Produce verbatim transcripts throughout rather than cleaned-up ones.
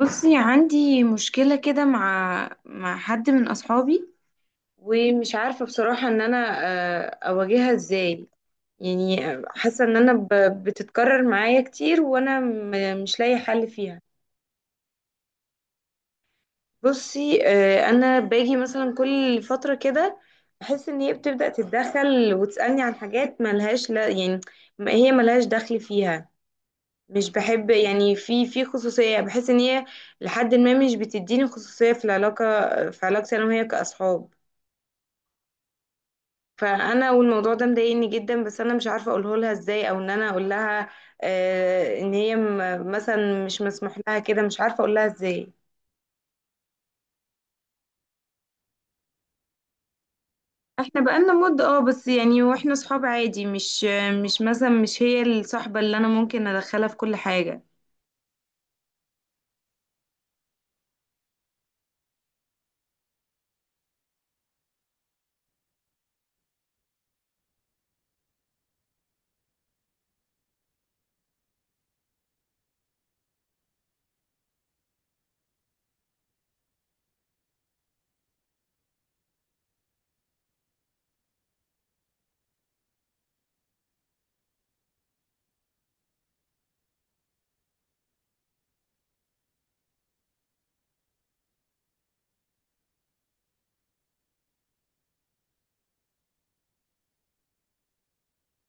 بصي، عندي مشكلة كده مع مع حد من أصحابي. ومش عارفة بصراحة إن أنا آه، أواجهها إزاي، يعني. حاسة إن أنا ب- بتتكرر معايا كتير، وأنا م- مش لاقي حل فيها. بصي، آه، أنا باجي مثلا كل فترة كده، بحس إن هي بتبدأ تتدخل وتسألني عن حاجات ملهاش، لا، يعني ما- هي ملهاش دخل فيها. مش بحب، يعني، في في خصوصية، يعني بحس ان هي لحد ما مش بتديني خصوصية في العلاقة، في علاقتي انا وهي كأصحاب. فانا والموضوع ده مضايقني جدا، بس انا مش عارفة اقوله لها ازاي، او ان انا اقول لها آه ان هي م- مثلا مش مسموح لها كده، مش عارفة اقول لها ازاي. احنا بقالنا مدة، اه، بس يعني واحنا صحاب عادي، مش مش مثلا مش هي الصاحبة اللي انا ممكن ادخلها في كل حاجة.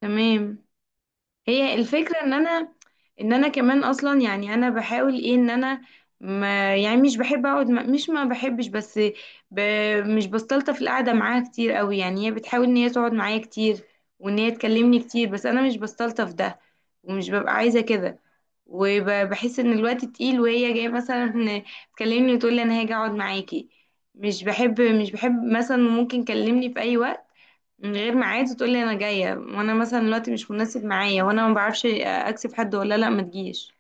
تمام. هي الفكرة ان انا، ان انا كمان اصلا، يعني انا بحاول ايه ان انا، ما يعني مش بحب اقعد، ما مش ما بحبش بس، ب مش بستلطف القعدة معاها كتير قوي. يعني هي بتحاول ان هي تقعد معايا كتير وان هي تكلمني كتير، بس انا مش بستلطف ده، ومش ببقى عايزة كده. وبحس ان الوقت تقيل، وهي جايه مثلا تكلمني وتقول لي انا هاجي اقعد معاكي. مش بحب مش بحب مثلا ممكن كلمني في اي وقت من غير ميعاد وتقول لي انا جايه، وانا مثلا دلوقتي مش مناسب معايا، وانا ما بعرفش اكسب حد ولا لا ما تجيش.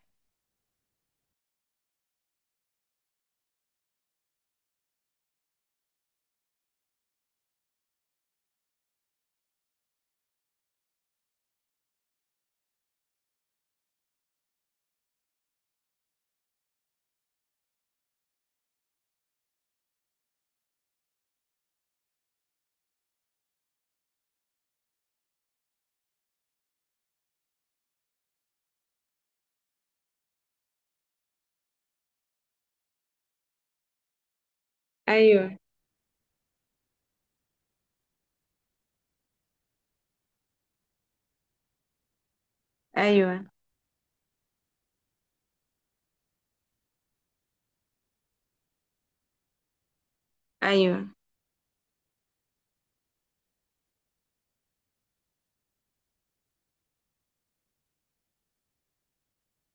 ايوه، ايوه، ايوه.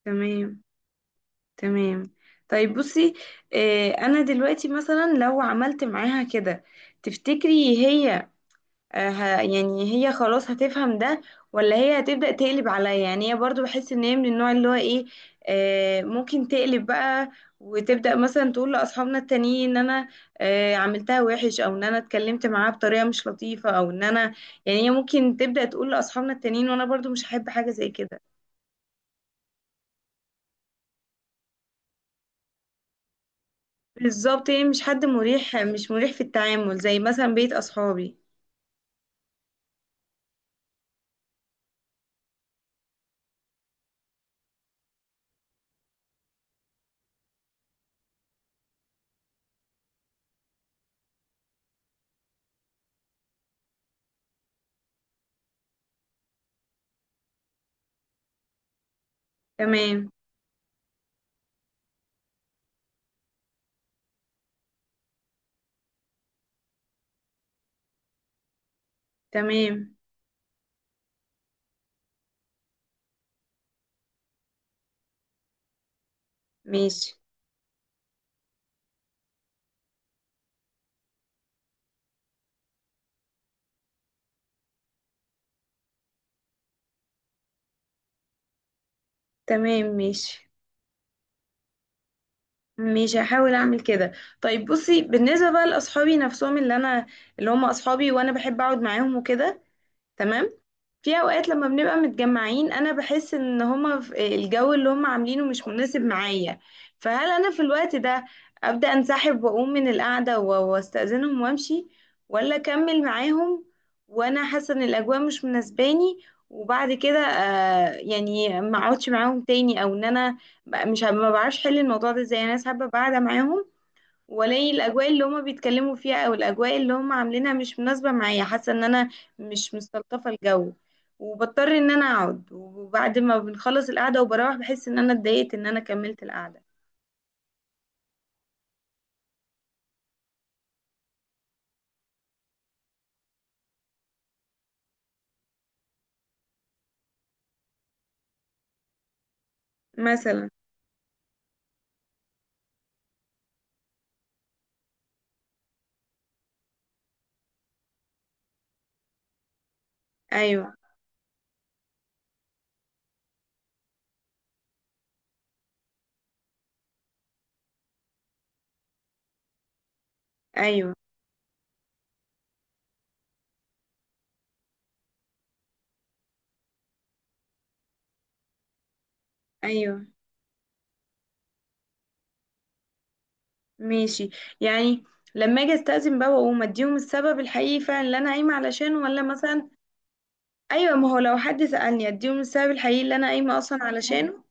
تمام، تمام. طيب بصي، آه، انا دلوقتي مثلا لو عملت معاها كده، تفتكري هي آه، ه- يعني هي خلاص هتفهم ده، ولا هي هتبدأ تقلب عليا؟ يعني هي برضو بحس ان هي من النوع اللي هو ايه، آه، ممكن تقلب بقى وتبدأ مثلا تقول لأصحابنا التانيين ان انا آه، عملتها وحش، او ان انا اتكلمت معاها بطريقة مش لطيفة، او ان انا، يعني هي ممكن تبدأ تقول لأصحابنا التانيين، وانا برضو مش هحب حاجة زي كده. بالظبط، هي مش حد مريح، مش مريح في التعامل، زي مثلا بيت أصحابي. تمام، تمام، ماشي. تمام، ماشي، مش هحاول اعمل كده. طيب بصي، بالنسبه بقى لاصحابي نفسهم، اللي انا اللي هم اصحابي وانا بحب اقعد معاهم وكده. تمام. في اوقات لما بنبقى متجمعين انا بحس ان هما في الجو اللي هما عاملينه مش مناسب معايا. فهل انا في الوقت ده ابدا انسحب واقوم من القعده و- واستاذنهم وامشي، ولا اكمل معاهم وانا حاسه ان الاجواء مش مناسباني؟ وبعد كده، آه يعني ما اقعدش معاهم تاني، او ان انا، ب- مش ه- ما بعرفش احل الموضوع ده. زي انا حابه قاعده معاهم ولاقي الاجواء اللي هما بيتكلموا فيها او الاجواء اللي هما عاملينها مش مناسبه معايا، حاسه ان انا مش مستلطفه الجو، وبضطر ان انا اقعد، وبعد ما بنخلص القعده وبروح بحس ان انا اتضايقت ان انا كملت القعده. مثلا. ايوه، ايوه، ايوه، ماشي. يعني لما اجي استأذن بقى واقوم اديهم السبب الحقيقي فعلا اللي انا قايمه علشانه، ولا مثلا؟ ايوه، ما هو لو حد سألني اديهم السبب الحقيقي اللي انا قايمه اصلا علشانه.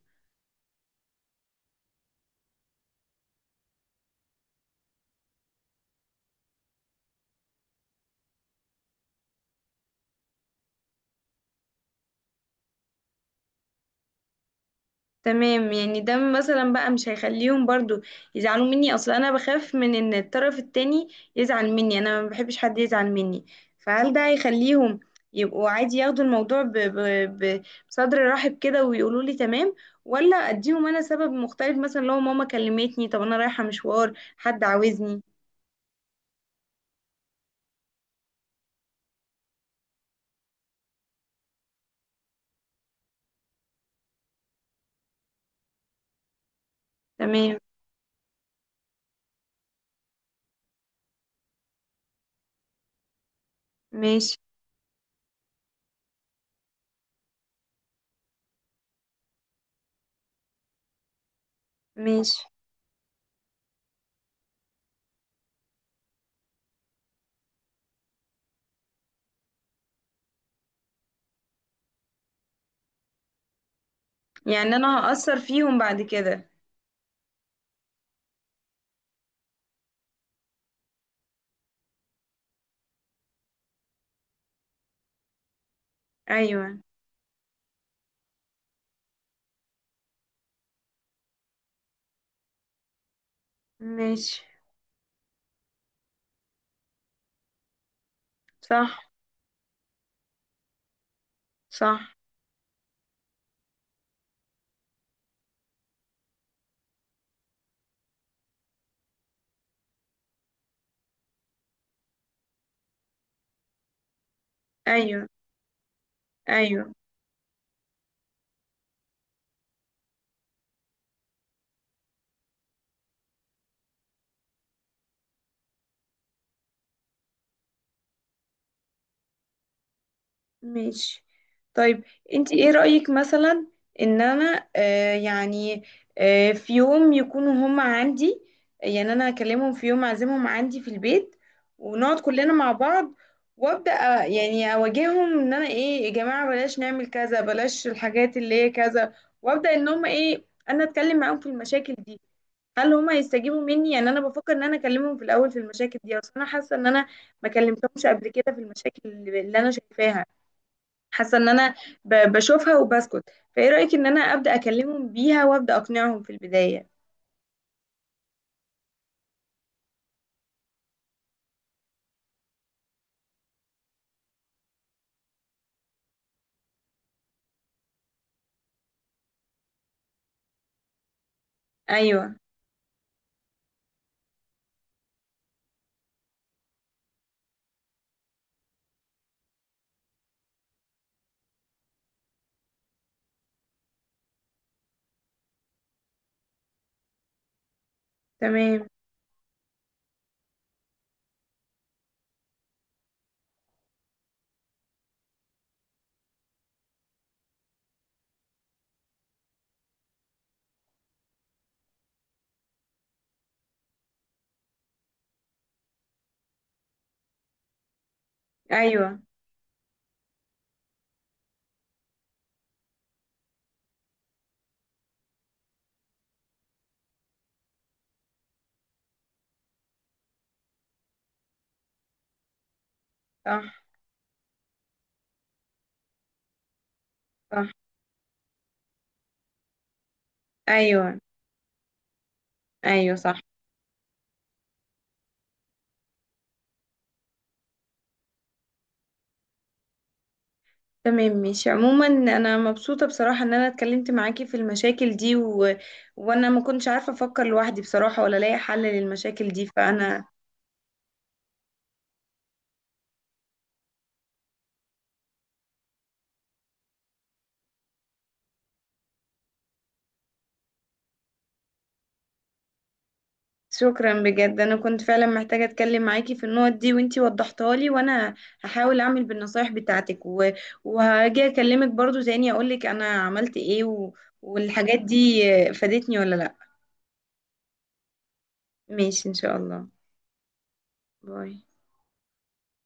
تمام. يعني ده مثلا بقى مش هيخليهم برضو يزعلوا مني؟ اصلا انا بخاف من ان الطرف التاني يزعل مني، انا ما بحبش حد يزعل مني. فهل ده هيخليهم يبقوا عادي، ياخدوا الموضوع ب... ب... ب- بصدر رحب كده ويقولوا لي تمام، ولا اديهم انا سبب مختلف مثلا، لو ماما كلمتني، طب انا رايحة مشوار، حد عاوزني؟ تمام، ماشي. ماشي، يعني انا هأثر فيهم بعد كده؟ ايوه، ماشي. صح، صح. ايوه، ايوه. ماشي. طيب، انت ايه رأيك مثلا ان انا آه يعني، آه في يوم يكونوا هم عندي، يعني انا اكلمهم في يوم اعزمهم عندي في البيت ونقعد كلنا مع بعض، وابدا أ- يعني اواجههم ان انا ايه، يا جماعة بلاش نعمل كذا، بلاش الحاجات اللي هي كذا، وابدا ان هم ايه، انا اتكلم معاهم في المشاكل دي. هل هم هيستجيبوا مني؟ يعني انا بفكر ان انا اكلمهم في الاول في المشاكل دي، اصل انا حاسة ان انا ما كلمتهمش قبل كده في المشاكل اللي اللي انا شايفاها، حاسه ان انا ب- بشوفها وبسكت. فايه رايك ان انا ابدا اكلمهم بيها وابدا اقنعهم في البدايه؟ ايوه، تمام. ايوه، صح. صح، ايوه، ايوه، صح. تمام، ماشي. عموما انا مبسوطه بصراحه ان انا اتكلمت معاكي في المشاكل دي، و... وانا ما كنتش عارفه افكر لوحدي بصراحه ولا الاقي حل للمشاكل دي، فانا شكرا بجد، انا كنت فعلا محتاجة اتكلم معاكي في النقط دي وانتي وضحتها لي، وانا هحاول اعمل بالنصايح بتاعتك، و... وهاجي اكلمك برضو تاني اقولك انا عملت ايه و... والحاجات دي فادتني ولا لا. ماشي، ان شاء الله. باي.